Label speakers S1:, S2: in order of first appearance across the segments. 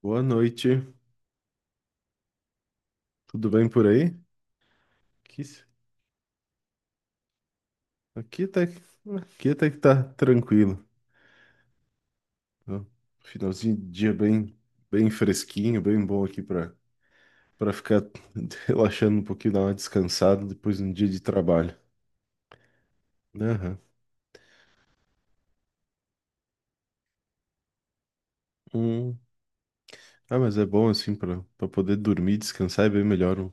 S1: Boa noite, tudo bem por aí? Aqui, aqui até, aqui até que tá tranquilo. Tá? Finalzinho de dia bem, bem fresquinho, bem bom aqui para ficar relaxando um pouquinho, dar uma descansada depois de um dia de trabalho. Né? Aham. Hum. Ah, mas é bom assim para poder dormir, descansar é bem melhor um,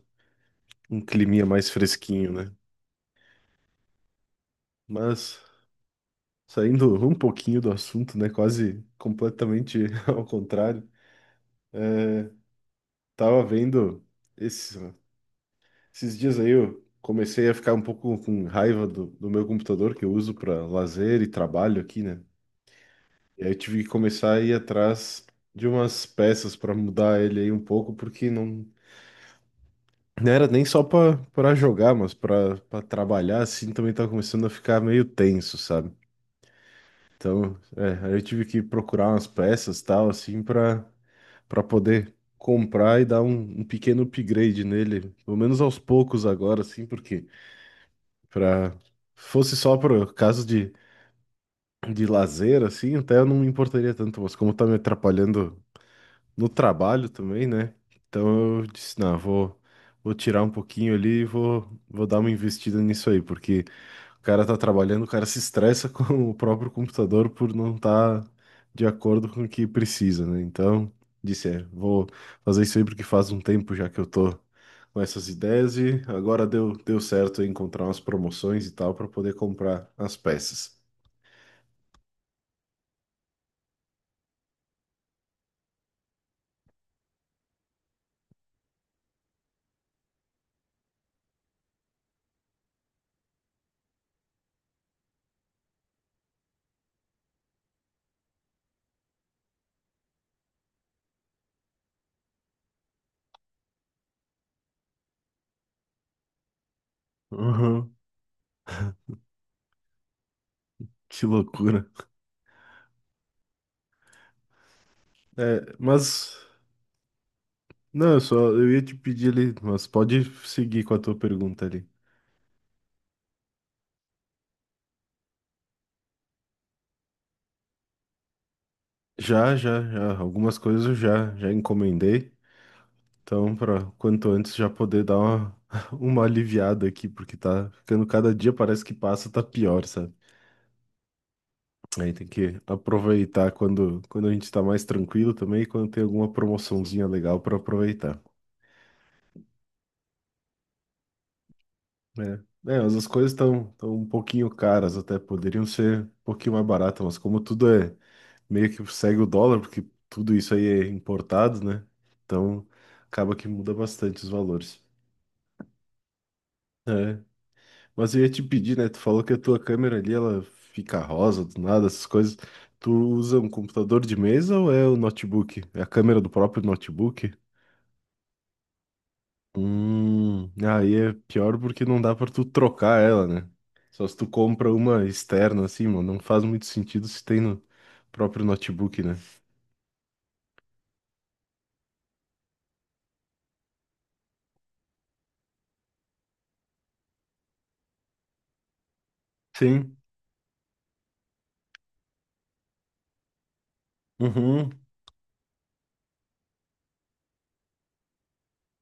S1: um climinha mais fresquinho, né? Mas saindo um pouquinho do assunto, né? Quase completamente ao contrário. Tava vendo esse. Esses dias aí eu comecei a ficar um pouco com raiva do meu computador que eu uso para lazer e trabalho aqui, né? E aí eu tive que começar a ir atrás de umas peças para mudar ele aí um pouco, porque não era nem só para para jogar, mas para trabalhar assim também tava começando a ficar meio tenso, sabe? Então, é, aí eu tive que procurar umas peças tal assim para poder comprar e dar um pequeno upgrade nele, pelo menos aos poucos agora assim, porque Pra... fosse só por caso de lazer, assim, até eu não me importaria tanto, mas como tá me atrapalhando no trabalho também, né? Então eu disse, não, vou tirar um pouquinho ali e vou dar uma investida nisso aí, porque o cara tá trabalhando, o cara se estressa com o próprio computador por não estar de acordo com o que precisa, né? Então, disse, é, vou fazer isso aí porque faz um tempo já que eu tô com essas ideias e agora deu certo eu encontrar umas promoções e tal para poder comprar as peças. Uhum, que loucura. É, mas. Não, eu só eu ia te pedir ali, mas pode seguir com a tua pergunta ali. Já, já, já. Algumas coisas eu já, já encomendei. Então, para quanto antes já poder dar uma, uma aliviada aqui, porque tá ficando cada dia, parece que passa, tá pior, sabe? Aí tem que aproveitar quando a gente tá mais tranquilo também, e quando tem alguma promoçãozinha legal para aproveitar. Né? É, mas as coisas estão tão tão um pouquinho caras, até poderiam ser um pouquinho mais baratas, mas como tudo é meio que segue o dólar, porque tudo isso aí é importado, né? Então acaba que muda bastante os valores. É. Mas eu ia te pedir, né? Tu falou que a tua câmera ali, ela fica rosa do nada, essas coisas. Tu usa um computador de mesa ou é o notebook? É a câmera do próprio notebook? Aí é pior porque não dá pra tu trocar ela, né? Só se tu compra uma externa, assim, mano, não faz muito sentido se tem no próprio notebook, né? Sim. Uhum,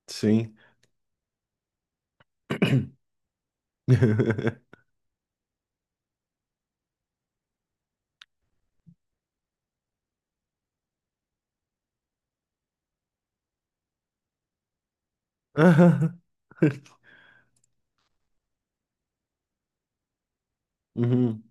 S1: sim. Uhum,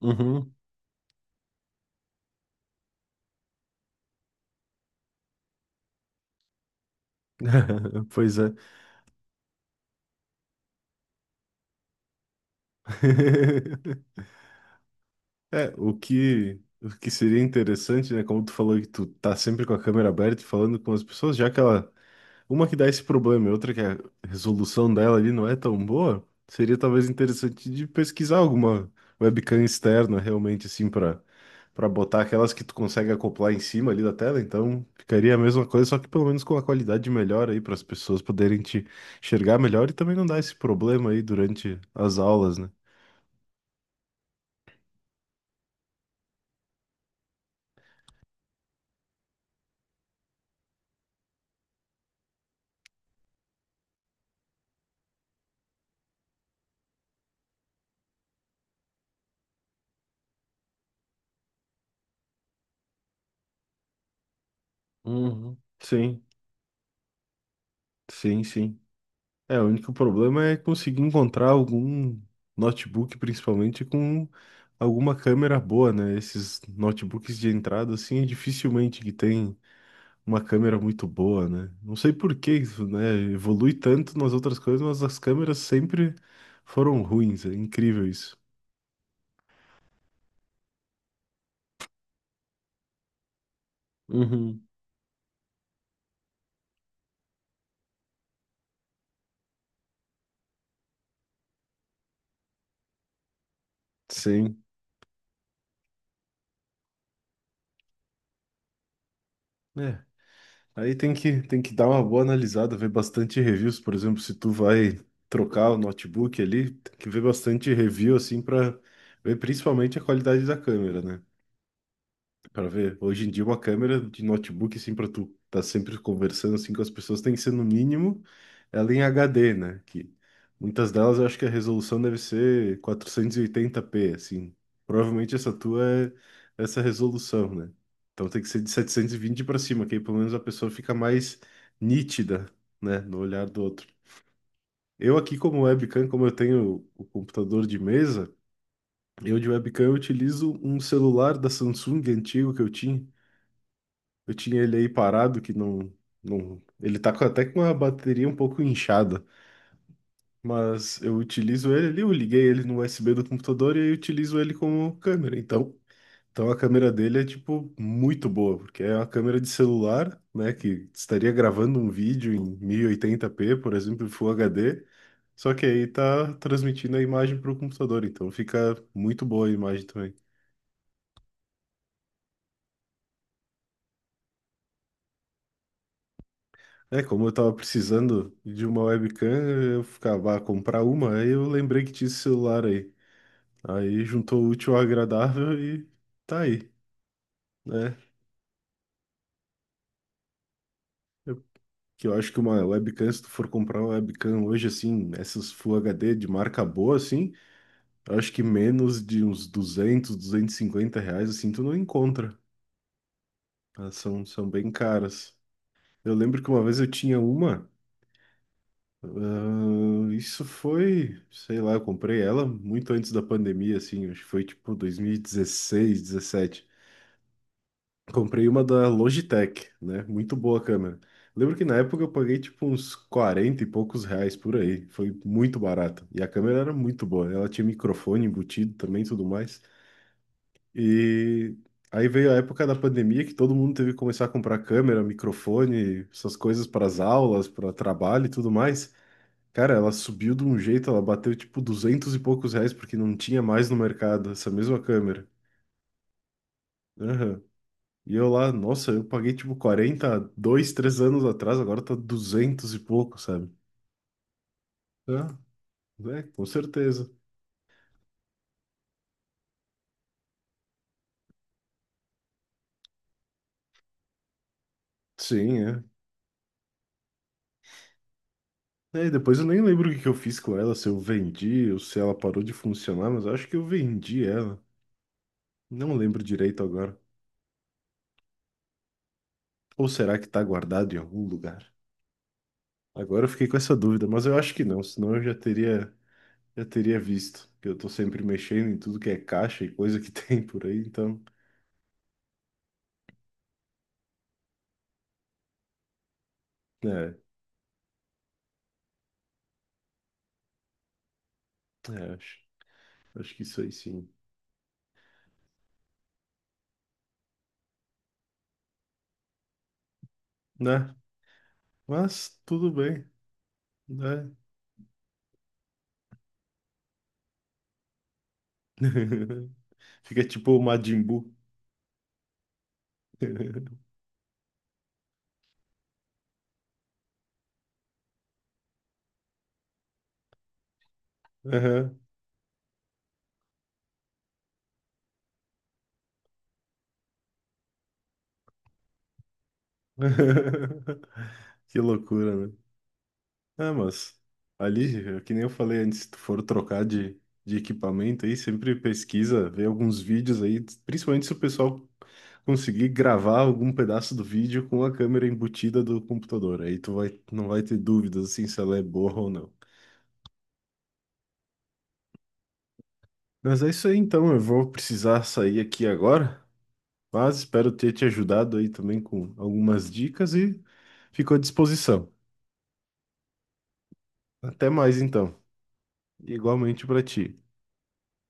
S1: uhum. Pois é. É, o que seria interessante, né? Como tu falou que tu tá sempre com a câmera aberta e falando com as pessoas, já que ela. Uma que dá esse problema e outra que a resolução dela ali não é tão boa, seria talvez interessante de pesquisar alguma webcam externa realmente, assim, para botar aquelas que tu consegue acoplar em cima ali da tela. Então ficaria a mesma coisa, só que pelo menos com a qualidade melhor aí, para as pessoas poderem te enxergar melhor e também não dar esse problema aí durante as aulas, né? Uhum. Sim, sim, sim. É, o único problema é conseguir encontrar algum notebook, principalmente com alguma câmera boa, né? Esses notebooks de entrada, assim, é dificilmente que tem uma câmera muito boa, né? Não sei por que isso, né? Evolui tanto nas outras coisas, mas as câmeras sempre foram ruins. É incrível isso. Uhum. Sim. É, aí tem que dar uma boa analisada, ver bastante reviews. Por exemplo, se tu vai trocar o notebook ali, tem que ver bastante review, assim, para ver principalmente a qualidade da câmera, né? Pra ver, hoje em dia uma câmera de notebook, assim, pra tu tá sempre conversando, assim, com as pessoas, tem que ser no mínimo ela em HD, né? Que muitas delas eu acho que a resolução deve ser 480p, assim. Provavelmente essa tua é essa resolução, né? Então tem que ser de 720 pra cima, que aí pelo menos a pessoa fica mais nítida, né? No olhar do outro. Eu aqui como webcam, como eu tenho o computador de mesa, eu de webcam eu utilizo um celular da Samsung antigo que eu tinha. Eu tinha ele aí parado, que não, não. Ele tá até com a bateria um pouco inchada. Mas eu utilizo ele ali, eu liguei ele no USB do computador e aí eu utilizo ele como câmera. Então a câmera dele é, tipo, muito boa, porque é uma câmera de celular, né? Que estaria gravando um vídeo em 1080p por exemplo, em Full HD. Só que aí tá transmitindo a imagem para o computador, então fica muito boa a imagem também. É, como eu tava precisando de uma webcam, eu ficava a comprar uma, aí eu lembrei que tinha esse celular aí. Aí juntou o útil ao agradável e tá aí, né? Eu, eu acho que uma webcam, se tu for comprar uma webcam hoje, assim, essas Full HD de marca boa, assim, eu acho que menos de uns 200, R$ 250, assim, tu não encontra. Elas são bem caras. Eu lembro que uma vez eu tinha uma. Ah, isso foi, sei lá, eu comprei ela muito antes da pandemia, assim, acho que foi tipo 2016, 2017. Comprei uma da Logitech, né? Muito boa a câmera. Lembro que na época eu paguei tipo uns 40 e poucos reais por aí. Foi muito barato. E a câmera era muito boa. Ela tinha microfone embutido também e tudo mais. E aí veio a época da pandemia que todo mundo teve que começar a comprar câmera, microfone, essas coisas para as aulas, para trabalho e tudo mais. Cara, ela subiu de um jeito, ela bateu tipo 200 e poucos reais porque não tinha mais no mercado essa mesma câmera. Aham. E eu lá, nossa, eu paguei tipo 40, dois, três anos atrás, agora tá 200 e pouco, sabe? É, é, com certeza. Sim, é. É, e depois eu nem lembro o que que eu fiz com ela, se eu vendi ou se ela parou de funcionar, mas eu acho que eu vendi ela. Não lembro direito agora. Ou será que tá guardado em algum lugar? Agora eu fiquei com essa dúvida, mas eu acho que não, senão eu já teria. Eu teria visto, que eu tô sempre mexendo em tudo que é caixa e coisa que tem por aí, então, é, é, acho que isso aí sim, né? Mas tudo bem, né? Fica tipo o Majin Buu. Aham. Que loucura, né? É, mas ali, é que nem eu falei antes, se tu for trocar de equipamento aí, sempre pesquisa, vê alguns vídeos aí, principalmente se o pessoal conseguir gravar algum pedaço do vídeo com a câmera embutida do computador. Aí tu vai, não vai ter dúvidas assim se ela é boa ou não. Mas é isso aí então, eu vou precisar sair aqui agora, mas espero ter te ajudado aí também com algumas dicas e fico à disposição. Até mais então, igualmente para ti.